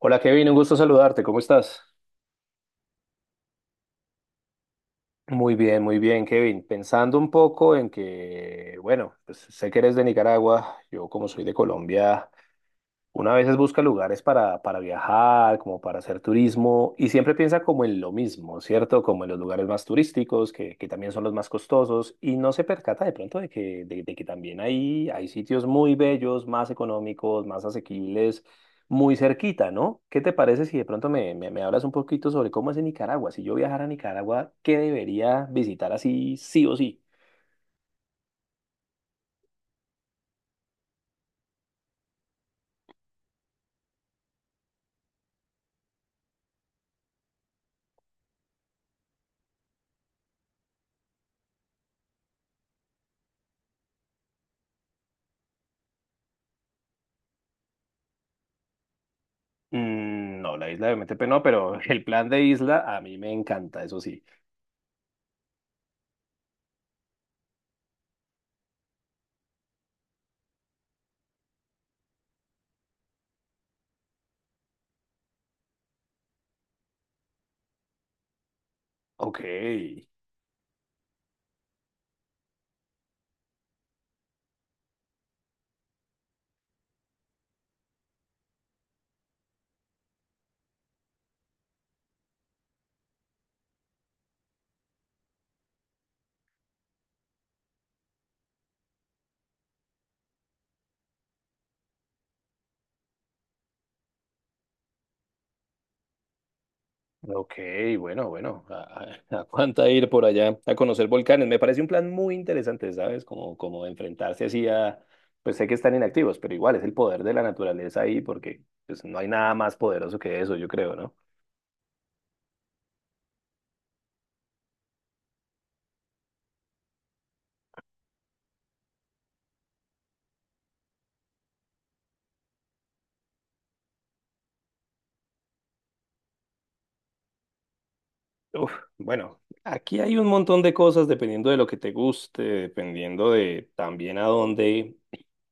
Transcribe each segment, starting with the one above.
Hola Kevin, un gusto saludarte, ¿cómo estás? Muy bien, Kevin. Pensando un poco en que, bueno, pues sé que eres de Nicaragua, yo como soy de Colombia, una a veces busca lugares para viajar, como para hacer turismo, y siempre piensa como en lo mismo, ¿cierto? Como en los lugares más turísticos, que también son los más costosos, y no se percata de pronto de de que también hay sitios muy bellos, más económicos, más asequibles, muy cerquita, ¿no? ¿Qué te parece si de pronto me hablas un poquito sobre cómo es en Nicaragua? Si yo viajara a Nicaragua, ¿qué debería visitar así, sí o sí? No, la isla de Metepe no, pero el plan de isla a mí me encanta, eso sí. Ok. Ok, bueno, bueno, aguanta ir por allá a conocer volcanes. Me parece un plan muy interesante, ¿sabes? Como, como enfrentarse así a, pues sé que están inactivos, pero igual es el poder de la naturaleza ahí porque pues, no hay nada más poderoso que eso, yo creo, ¿no? Uf, bueno, aquí hay un montón de cosas dependiendo de lo que te guste, dependiendo de también a dónde,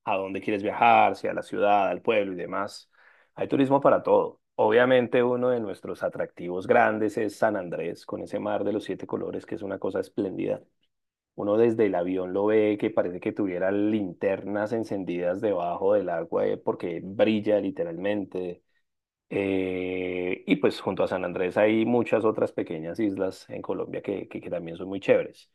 a dónde quieres viajar, si a la ciudad, al pueblo y demás. Hay turismo para todo. Obviamente uno de nuestros atractivos grandes es San Andrés, con ese mar de los siete colores, que es una cosa espléndida. Uno desde el avión lo ve que parece que tuviera linternas encendidas debajo del agua porque brilla literalmente. Y pues junto a San Andrés hay muchas otras pequeñas islas en Colombia que también son muy chéveres.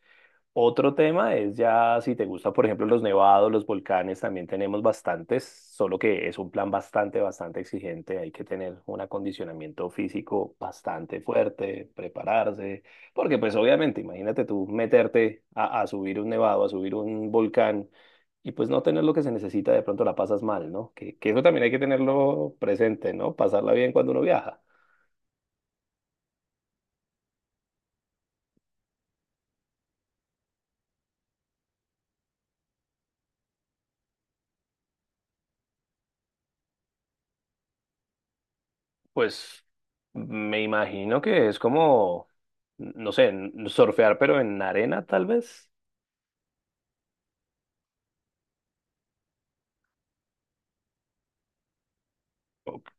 Otro tema es ya si te gusta, por ejemplo, los nevados, los volcanes, también tenemos bastantes, solo que es un plan bastante exigente. Hay que tener un acondicionamiento físico bastante fuerte, prepararse, porque pues obviamente, imagínate tú meterte a subir un nevado, a subir un volcán y pues no tener lo que se necesita, de pronto la pasas mal, ¿no? Que eso también hay que tenerlo presente, ¿no? Pasarla bien cuando uno viaja. Pues me imagino que es como, no sé, surfear, pero en arena tal vez. Ok.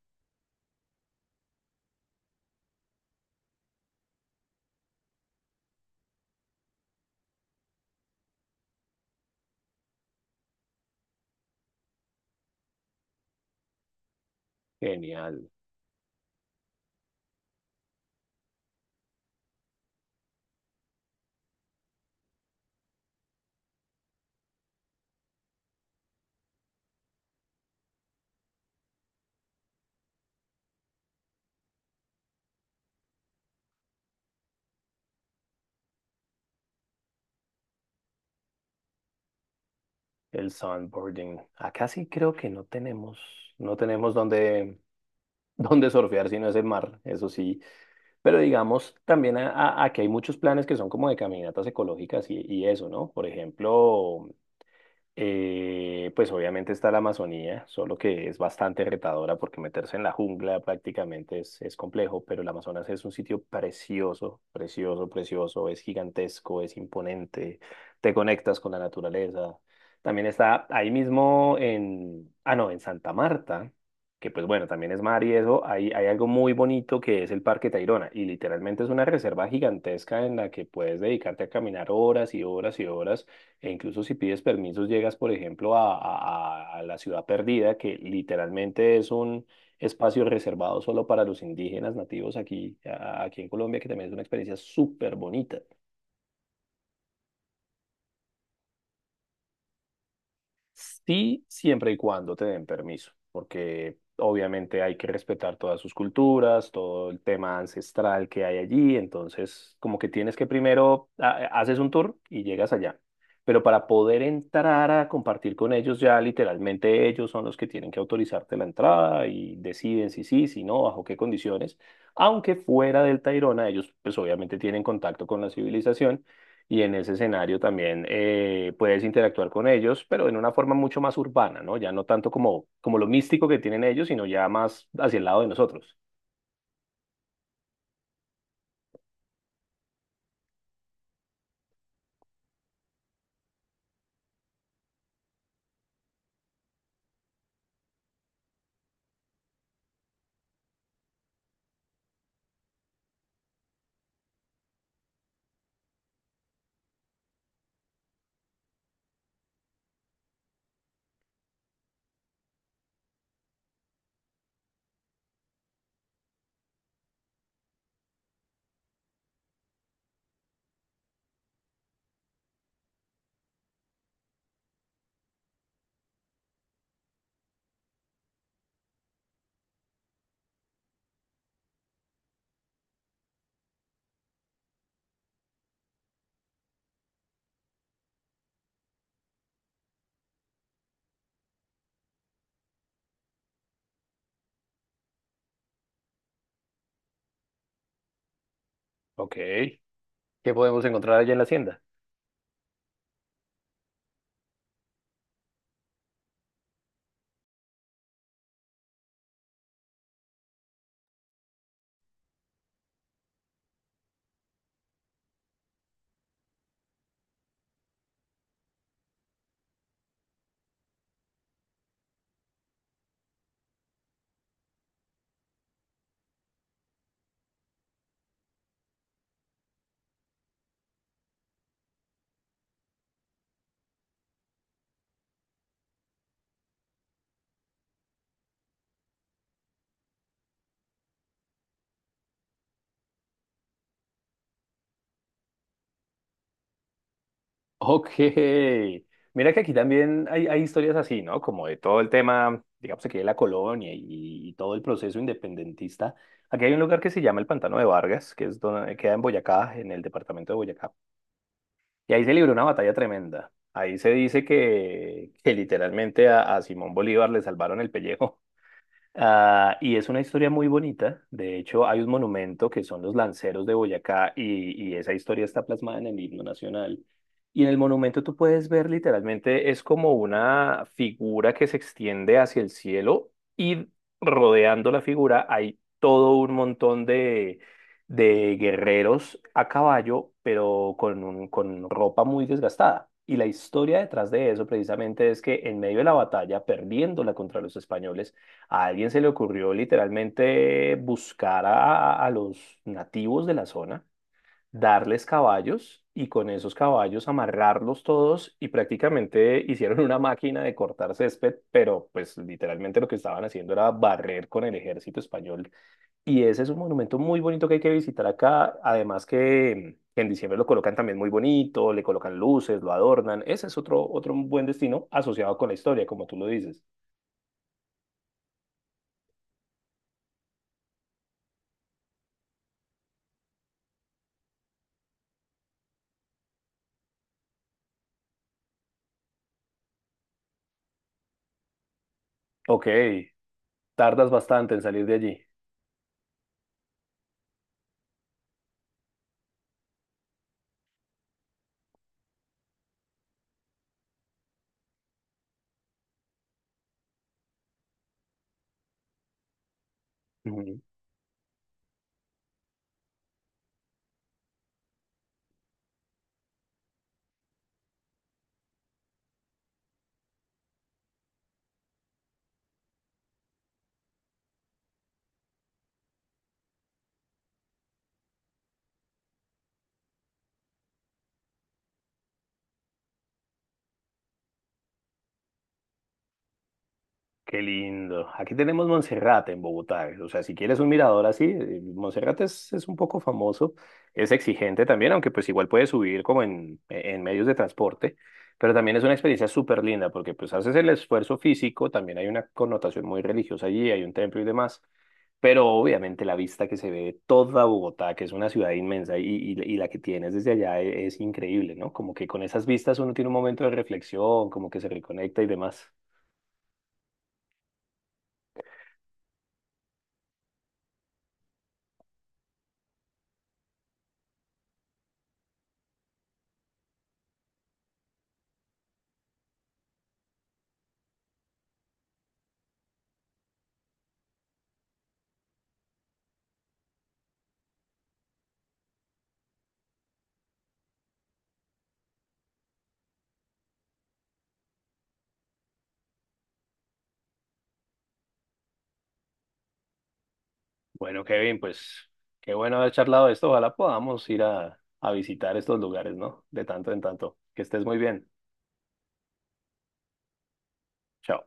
Genial. El sandboarding. Acá sí creo que no tenemos, no tenemos donde, donde surfear, sino es el mar, eso sí. Pero digamos, también aquí hay muchos planes que son como de caminatas ecológicas y eso, ¿no? Por ejemplo, pues obviamente está la Amazonía, solo que es bastante retadora porque meterse en la jungla prácticamente es complejo, pero el Amazonas es un sitio precioso, precioso, precioso, es gigantesco, es imponente, te conectas con la naturaleza. También está ahí mismo en, ah no, en Santa Marta, que pues bueno, también es mar y eso, hay algo muy bonito que es el Parque Tayrona y literalmente es una reserva gigantesca en la que puedes dedicarte a caminar horas y horas y horas e incluso si pides permisos, llegas, por ejemplo, la ciudad perdida, que literalmente es un espacio reservado solo para los indígenas nativos aquí, aquí en Colombia, que también es una experiencia súper bonita. Sí, siempre y cuando te den permiso, porque obviamente hay que respetar todas sus culturas, todo el tema ancestral que hay allí, entonces como que tienes que primero haces un tour y llegas allá. Pero para poder entrar a compartir con ellos ya literalmente ellos son los que tienen que autorizarte la entrada y deciden si sí, si no, bajo qué condiciones. Aunque fuera del Tayrona ellos pues obviamente tienen contacto con la civilización y en ese escenario también puedes interactuar con ellos, pero en una forma mucho más urbana, ¿no? Ya no tanto como, como lo místico que tienen ellos, sino ya más hacia el lado de nosotros. Ok. ¿Qué podemos encontrar allá en la hacienda? Ok. Mira que aquí también hay historias así, ¿no? Como de todo el tema, digamos aquí de la colonia y todo el proceso independentista. Aquí hay un lugar que se llama el Pantano de Vargas, que es donde, queda en Boyacá, en el departamento de Boyacá. Y ahí se libró una batalla tremenda. Ahí se dice que literalmente a Simón Bolívar le salvaron el pellejo. Ah, y es una historia muy bonita. De hecho, hay un monumento que son los lanceros de Boyacá y esa historia está plasmada en el himno nacional. Y en el monumento tú puedes ver literalmente, es como una figura que se extiende hacia el cielo y rodeando la figura hay todo un montón de guerreros a caballo, pero con, con ropa muy desgastada. Y la historia detrás de eso precisamente es que en medio de la batalla, perdiéndola contra los españoles, a alguien se le ocurrió literalmente buscar a los nativos de la zona, darles caballos y con esos caballos amarrarlos todos y prácticamente hicieron una máquina de cortar césped, pero pues literalmente lo que estaban haciendo era barrer con el ejército español. Y ese es un monumento muy bonito que hay que visitar acá, además que en diciembre lo colocan también muy bonito, le colocan luces, lo adornan. Ese es otro, otro buen destino asociado con la historia, como tú lo dices. Ok, tardas bastante en salir de allí. Ujú. Qué lindo. Aquí tenemos Monserrate en Bogotá. O sea, si quieres un mirador así, Monserrate es un poco famoso. Es exigente también, aunque pues igual puedes subir como en, en medios de transporte. Pero también es una experiencia súper linda porque pues haces el esfuerzo físico, también hay una connotación muy religiosa allí, hay un templo y demás. Pero obviamente la vista que se ve de toda Bogotá, que es una ciudad inmensa y la que tienes desde allá es increíble, ¿no? Como que con esas vistas uno tiene un momento de reflexión, como que se reconecta y demás. Bueno, Kevin, pues qué bueno haber charlado de esto. Ojalá podamos ir a visitar estos lugares, ¿no? De tanto en tanto. Que estés muy bien. Chao.